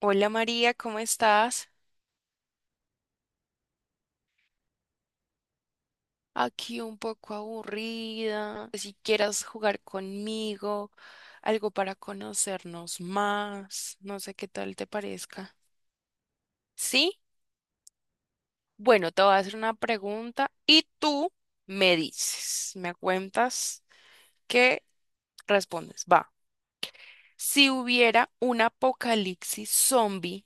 Hola María, ¿cómo estás? Aquí un poco aburrida. Si quieras jugar conmigo, algo para conocernos más, no sé qué tal te parezca. ¿Sí? Bueno, te voy a hacer una pregunta y tú me dices, me cuentas qué respondes. Va. Si hubiera un apocalipsis zombie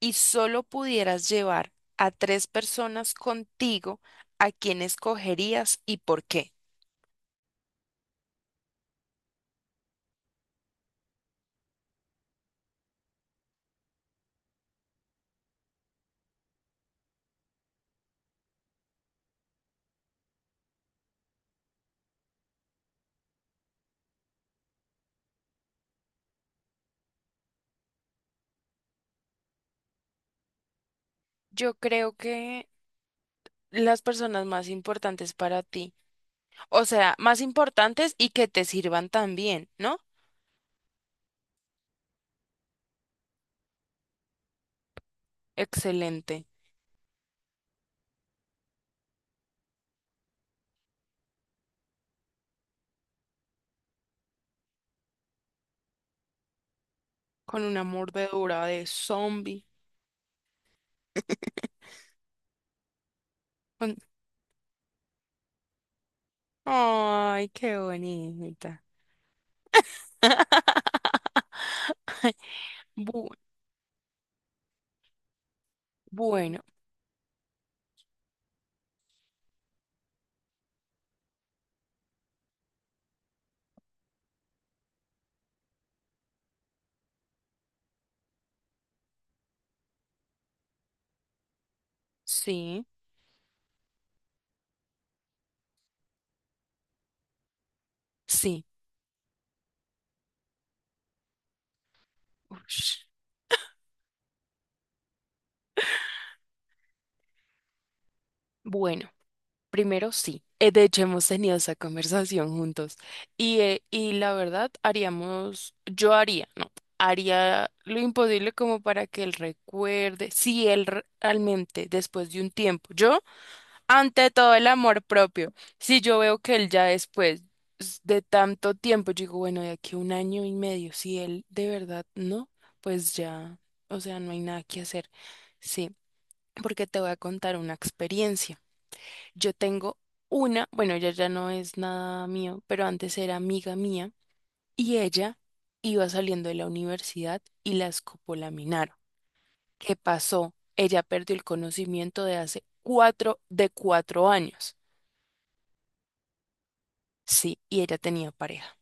y solo pudieras llevar a tres personas contigo, ¿a quién escogerías y por qué? Yo creo que las personas más importantes para ti, o sea, más importantes y que te sirvan también, ¿no? Excelente. Con una mordedura de zombie. con- Ay, qué bonita. Bu- bueno, sí, sí. Ush. Bueno. Primero, sí. De hecho, hemos tenido esa conversación juntos. Y la verdad, haríamos, yo haría, no, haría lo imposible como para que él recuerde, si él realmente, después de un tiempo, yo, ante todo el amor propio, si yo veo que él ya después de tanto tiempo, yo digo, bueno, de aquí a un año y medio, si él de verdad no, pues ya, o sea, no hay nada que hacer. Sí, porque te voy a contar una experiencia. Yo tengo una, bueno, ella ya no es nada mío, pero antes era amiga mía y ella iba saliendo de la universidad y la escopolaminaron. ¿Qué pasó? Ella perdió el conocimiento de hace cuatro, de 4 años. Sí, y ella tenía pareja.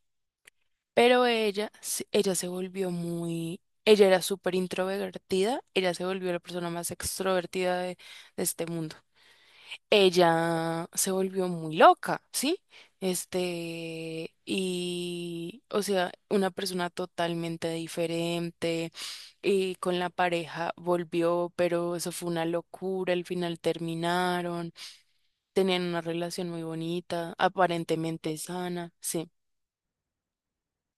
Pero ella, ella se volvió muy, ella era súper introvertida, ella se volvió la persona más extrovertida de este mundo. Ella se volvió muy loca, ¿sí? Este, y, o sea, una persona totalmente diferente, y con la pareja volvió, pero eso fue una locura, al final terminaron, tenían una relación muy bonita, aparentemente sana, sí,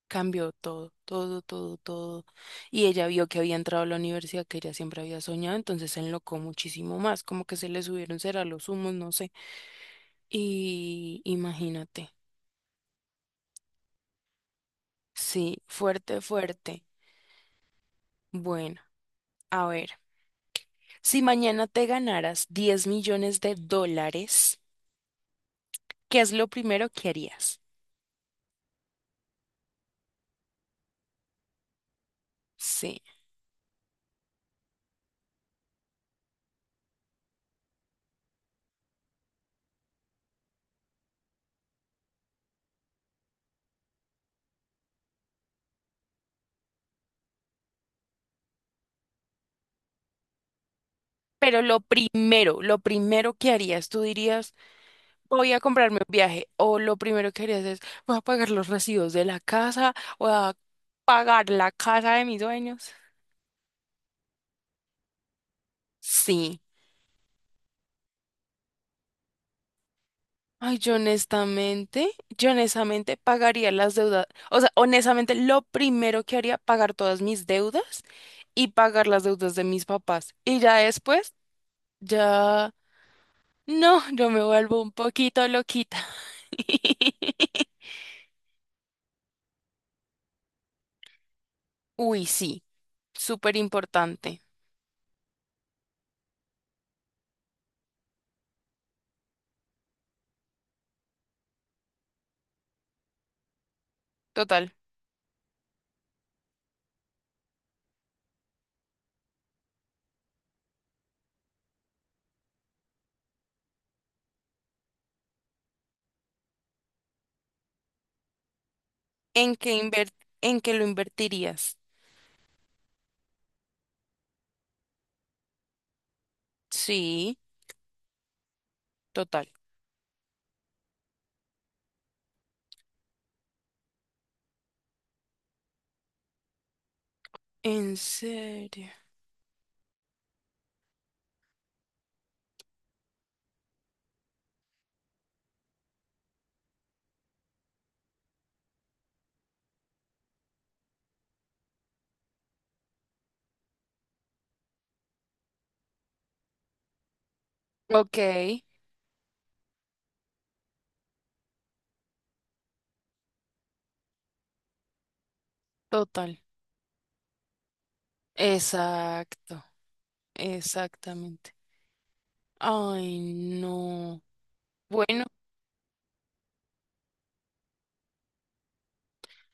cambió todo, todo, todo, todo. Y ella vio que había entrado a la universidad que ella siempre había soñado, entonces se enlocó muchísimo más, como que se le subieron será los humos, no sé. Y imagínate, sí, fuerte, fuerte. Bueno, a ver, si mañana te ganaras $10 millones, ¿qué es lo primero que harías? Sí, pero lo primero que harías, tú dirías, voy a comprarme un viaje, o lo primero que harías es, voy a pagar los recibos de la casa, voy a pagar la casa de mis dueños. Sí. Ay, yo honestamente pagaría las deudas, o sea, honestamente lo primero que haría, pagar todas mis deudas y pagar las deudas de mis papás. Y ya después, ya, no, yo me vuelvo un poquito loquita. Uy, sí, súper importante. Total. ¿En qué en qué lo invertirías? Sí, total. ¿En serio? Ok, total. Exacto, exactamente. Ay, no. Bueno,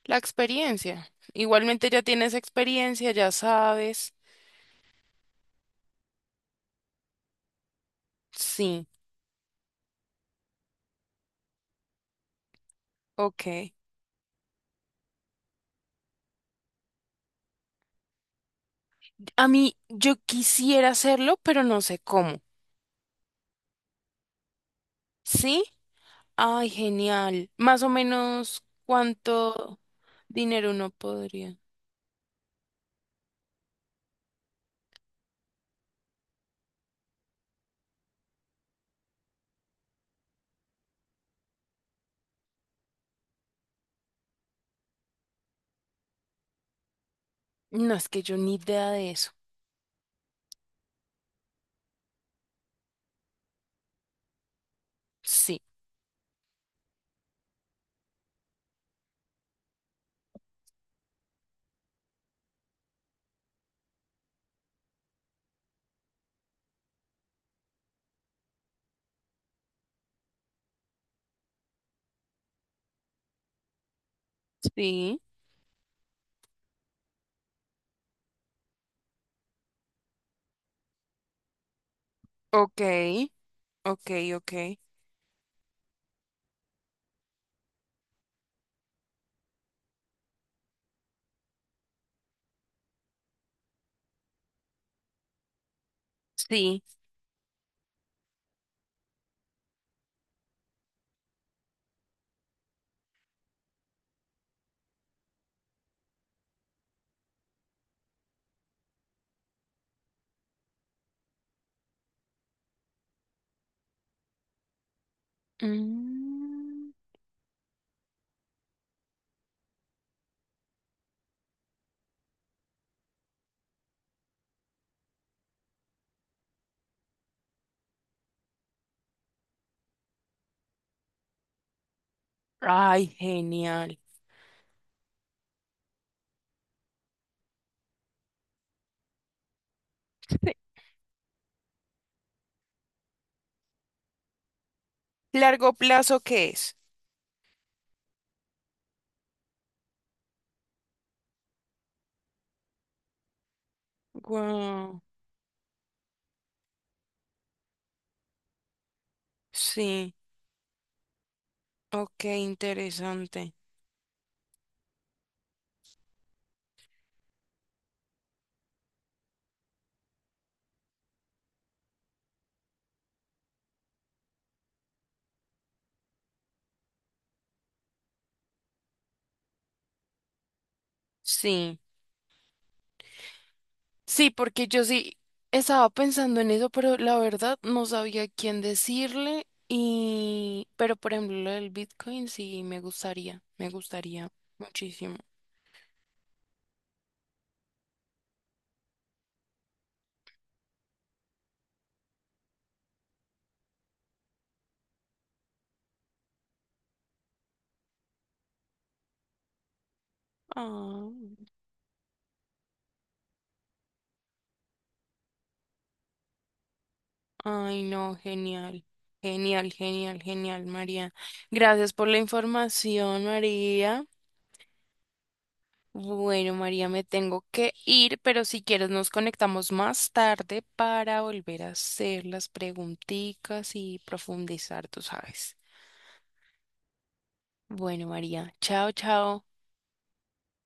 la experiencia. Igualmente ya tienes experiencia, ya sabes. Sí, ok. A mí, yo quisiera hacerlo, pero no sé cómo. ¿Sí? Ay, genial. Más o menos, ¿cuánto dinero uno podría? No, es que yo ni idea de eso. Sí. Sí. Ok, ok, ok. Sí. Mm. Ay, genial. Sí. ¿Largo plazo qué es? Wow, sí, ok, interesante. Sí, sí, porque yo sí estaba pensando en eso, pero la verdad no sabía quién decirle y, pero por ejemplo, lo del Bitcoin sí me gustaría muchísimo. Ah, ay, no, genial, genial, genial, genial, María. Gracias por la información, María. Bueno, María, me tengo que ir, pero si quieres nos conectamos más tarde para volver a hacer las preguntitas y profundizar, tú sabes. Bueno, María, chao, chao.